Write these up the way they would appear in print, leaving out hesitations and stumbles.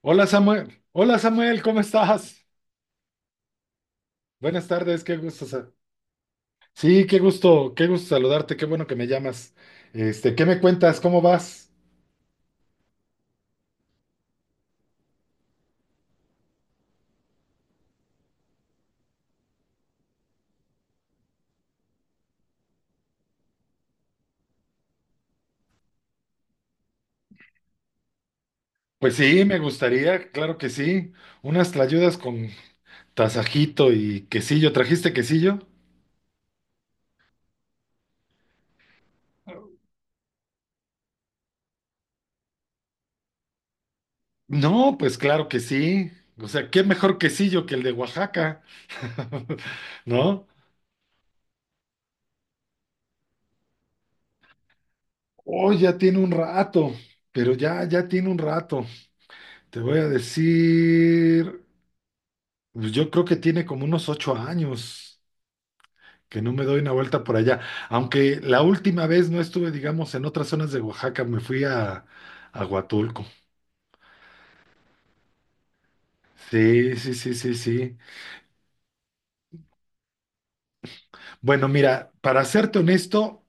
Hola Samuel, ¿cómo estás? Buenas tardes, qué gusto. Sí, qué gusto saludarte, qué bueno que me llamas. ¿Qué me cuentas? ¿Cómo vas? Pues sí, me gustaría, claro que sí. Unas tlayudas con tasajito y quesillo. ¿Trajiste quesillo? No, pues claro que sí. O sea, qué mejor quesillo que el de Oaxaca, ¿no? Oh, ya tiene un rato, pero ya tiene un rato. Te voy a decir. Pues yo creo que tiene como unos 8 años que no me doy una vuelta por allá. Aunque la última vez no estuve, digamos, en otras zonas de Oaxaca, me fui a Huatulco. Sí, sí, sí, sí, sí. Bueno, mira, para serte honesto,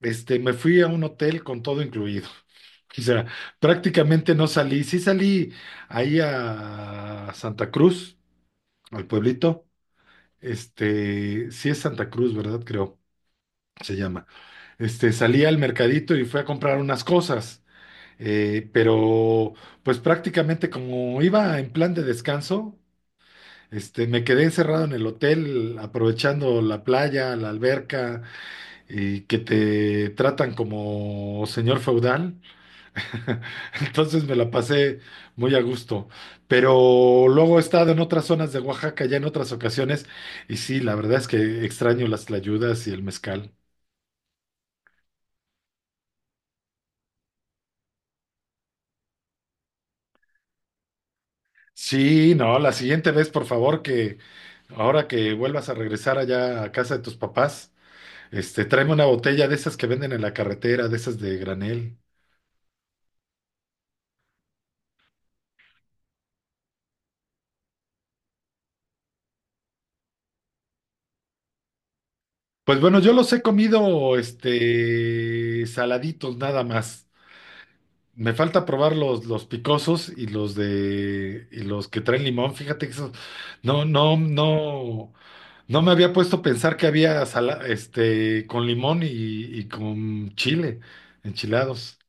me fui a un hotel con todo incluido. O sea, prácticamente no salí. Sí salí ahí a Santa Cruz, al pueblito. Este, sí es Santa Cruz, ¿verdad? Creo, se llama. Este, salí al mercadito y fui a comprar unas cosas. Pero pues prácticamente como iba en plan de descanso, me quedé encerrado en el hotel aprovechando la playa, la alberca y que te tratan como señor feudal. Entonces me la pasé muy a gusto. Pero luego he estado en otras zonas de Oaxaca, ya en otras ocasiones, y sí, la verdad es que extraño las tlayudas y el mezcal. Sí, no, la siguiente vez, por favor, ahora que vuelvas a regresar allá a casa de tus papás, tráeme una botella de esas que venden en la carretera, de esas de granel. Pues bueno, yo los he comido, saladitos nada más. Me falta probar los picosos y los que traen limón. Fíjate que eso, no, no, no, no me había puesto a pensar que había con limón y con chile, enchilados.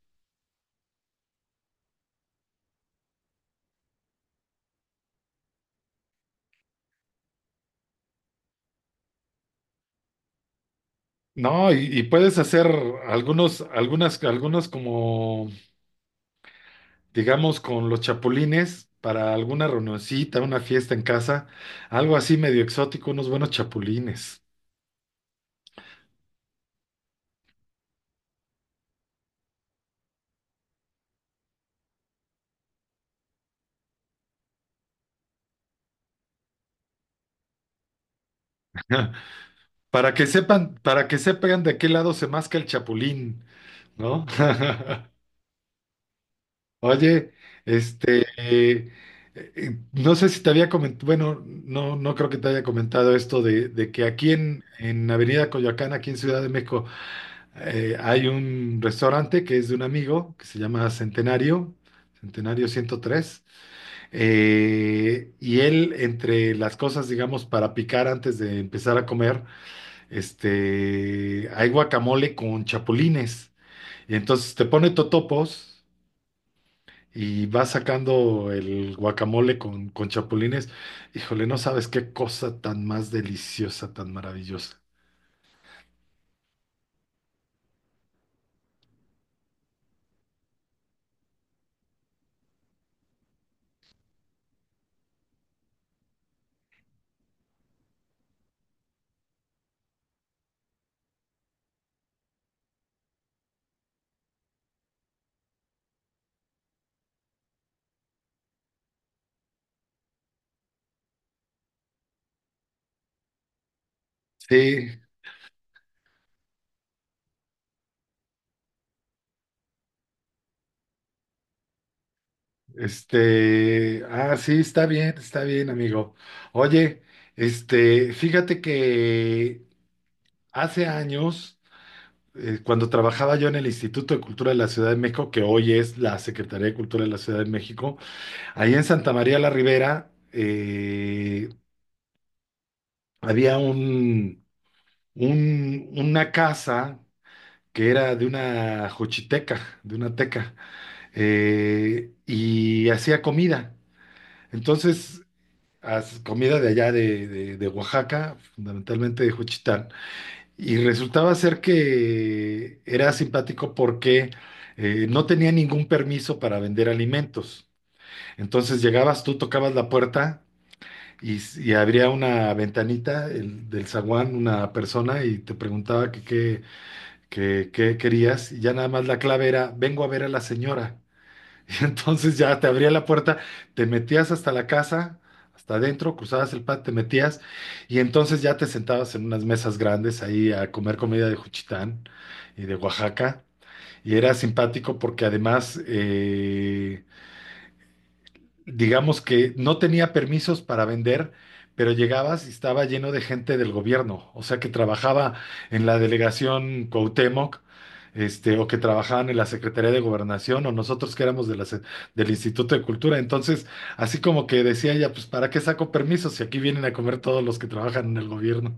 No, y puedes hacer algunos como, digamos, con los chapulines para alguna reunioncita, una fiesta en casa, algo así medio exótico, unos buenos chapulines. Para que sepan de qué lado se masca el chapulín, ¿no? Oye, este, eh, no sé si te había comentado, bueno, no, no creo que te haya comentado esto de que aquí en Avenida Coyoacán, aquí en Ciudad de México. Hay un restaurante que es de un amigo que se llama Centenario, Centenario 103, y él, entre las cosas, digamos, para picar antes de empezar a comer, hay guacamole con chapulines. Y entonces te pone totopos y va sacando el guacamole con chapulines. Híjole, no sabes qué cosa tan más deliciosa, tan maravillosa. Sí. Sí, está bien, amigo. Oye, fíjate que hace años, cuando trabajaba yo en el Instituto de Cultura de la Ciudad de México, que hoy es la Secretaría de Cultura de la Ciudad de México, ahí en Santa María la Ribera, había una casa que era de una jochiteca, de una teca, y hacía comida. Entonces, comida de allá de Oaxaca, fundamentalmente de Juchitán, y resultaba ser que era simpático porque no tenía ningún permiso para vender alimentos. Entonces llegabas tú, tocabas la puerta y abría una ventanita del zaguán, una persona, y te preguntaba que qué querías, y ya nada más la clave era, vengo a ver a la señora. Y entonces ya te abría la puerta, te metías hasta la casa, hasta adentro, cruzabas el patio, te metías y entonces ya te sentabas en unas mesas grandes ahí a comer comida de Juchitán y de Oaxaca. Y era simpático porque además, digamos que no tenía permisos para vender, pero llegabas y estaba lleno de gente del gobierno, o sea que trabajaba en la delegación Cuauhtémoc, o que trabajaban en la Secretaría de Gobernación, o nosotros que éramos de del Instituto de Cultura. Entonces, así como que decía ella, pues ¿para qué saco permisos si aquí vienen a comer todos los que trabajan en el gobierno?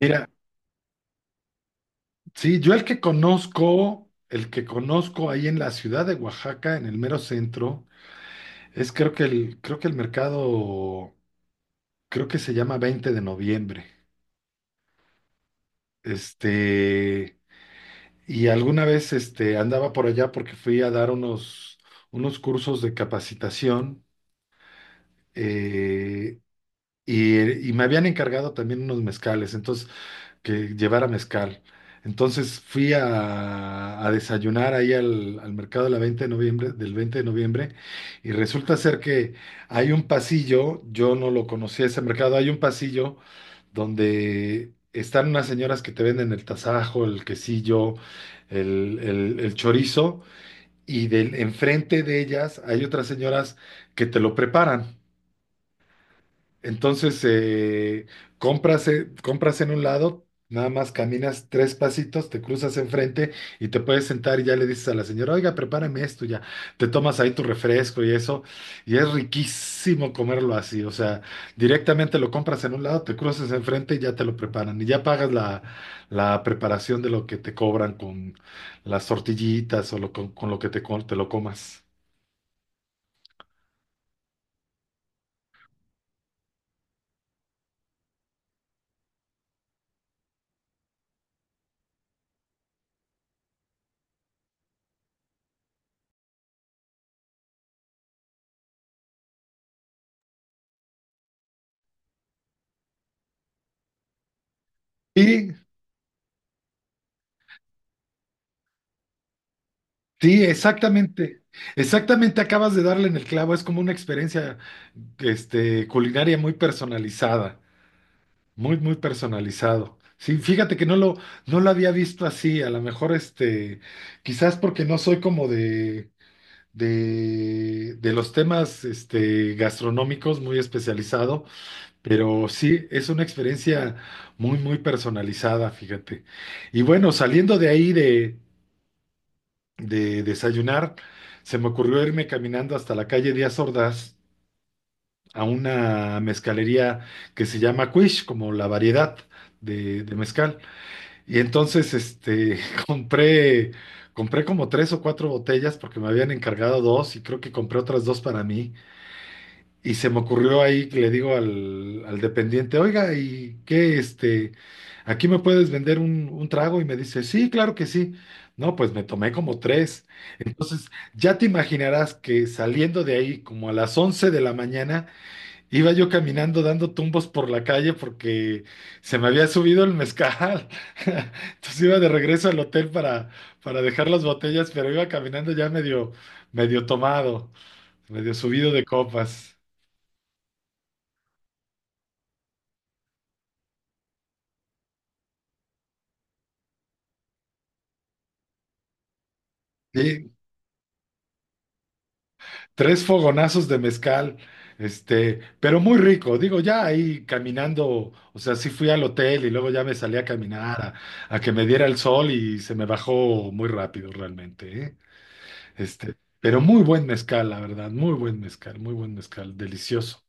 Mira, sí, yo el que conozco ahí en la ciudad de Oaxaca, en el mero centro, es creo que el mercado. Creo que se llama 20 de noviembre. Este, y alguna vez andaba por allá porque fui a dar unos cursos de capacitación, eh, y me habían encargado también unos mezcales. Entonces que llevara mezcal. Entonces fui a desayunar ahí al mercado de la 20 de noviembre, del 20 de noviembre, y resulta ser que hay un pasillo, yo no lo conocía ese mercado, hay un pasillo donde están unas señoras que te venden el tasajo, el quesillo, el chorizo enfrente de ellas hay otras señoras que te lo preparan. Entonces, compras en un lado, nada más caminas tres pasitos, te cruzas enfrente y te puedes sentar y ya le dices a la señora, oiga, prepárame esto, ya. Te tomas ahí tu refresco y eso, y es riquísimo comerlo así. O sea, directamente lo compras en un lado, te cruzas enfrente y ya te lo preparan. Y ya pagas la preparación de lo que te cobran con las tortillitas con lo que te lo comas. Y Sí, exactamente. Exactamente, acabas de darle en el clavo. Es como una experiencia, culinaria muy personalizada, muy, muy personalizado. Sí, fíjate que no lo había visto así. A lo mejor, quizás porque no soy como de los temas, gastronómicos muy especializado, pero sí, es una experiencia muy, muy personalizada, fíjate. Y bueno, saliendo de ahí de desayunar, se me ocurrió irme caminando hasta la calle Díaz Ordaz a una mezcalería que se llama Quiche, como la variedad de mezcal. Y entonces, compré, compré como tres o cuatro botellas porque me habían encargado dos y creo que compré otras dos para mí. Y se me ocurrió ahí que le digo al dependiente, oiga, ¿y qué, aquí me puedes vender un trago? Y me dice, sí, claro que sí. No, pues me tomé como tres. Entonces, ya te imaginarás que saliendo de ahí, como a las 11 de la mañana, iba yo caminando dando tumbos por la calle porque se me había subido el mezcal. Entonces iba de regreso al hotel para dejar las botellas, pero iba caminando ya medio, medio tomado, medio subido de copas. Sí, tres fogonazos de mezcal, pero muy rico. Digo, ya ahí caminando, o sea, sí fui al hotel y luego ya me salí a caminar a que me diera el sol y se me bajó muy rápido realmente, ¿eh? Pero muy buen mezcal, la verdad, muy buen mezcal, delicioso.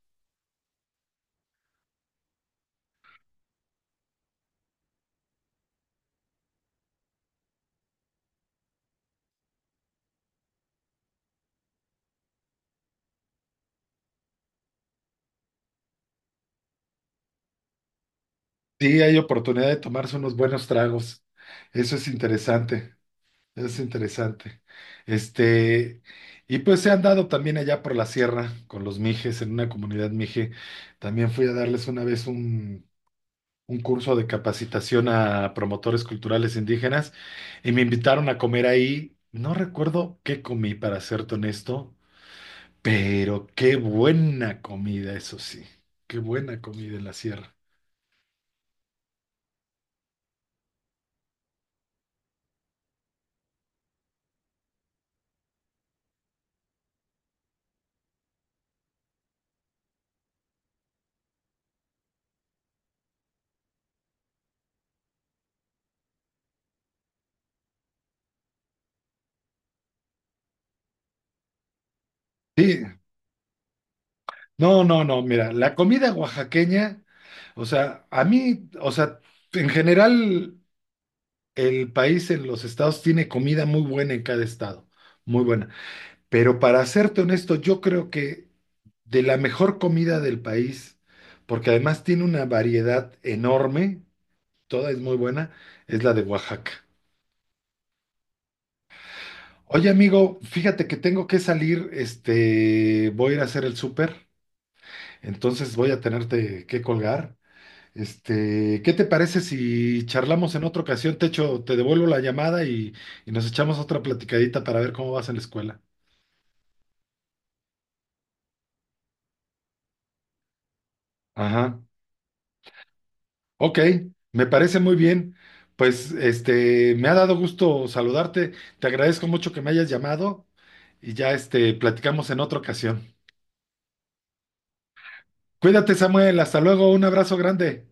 Sí, hay oportunidad de tomarse unos buenos tragos. Eso es interesante. Es interesante. Este, y pues se han dado también allá por la sierra con los mijes, en una comunidad mije. También fui a darles una vez un curso de capacitación a promotores culturales indígenas y me invitaron a comer ahí. No recuerdo qué comí, para serte honesto, pero qué buena comida, eso sí. Qué buena comida en la sierra. Sí, no, no, no, mira, la comida oaxaqueña, o sea, a mí, o sea, en general. El país en los estados tiene comida muy buena en cada estado, muy buena. Pero para serte honesto, yo creo que de la mejor comida del país, porque además tiene una variedad enorme, toda es muy buena, es la de Oaxaca. Oye, amigo, fíjate que tengo que salir, voy a ir a hacer el súper, entonces voy a tenerte que colgar. ¿Qué te parece si charlamos en otra ocasión? Te echo, te devuelvo la llamada y nos echamos otra platicadita para ver cómo vas en la escuela. Ajá. Ok, me parece muy bien. Pues me ha dado gusto saludarte. Te agradezco mucho que me hayas llamado y ya platicamos en otra ocasión. Cuídate, Samuel. Hasta luego. Un abrazo grande.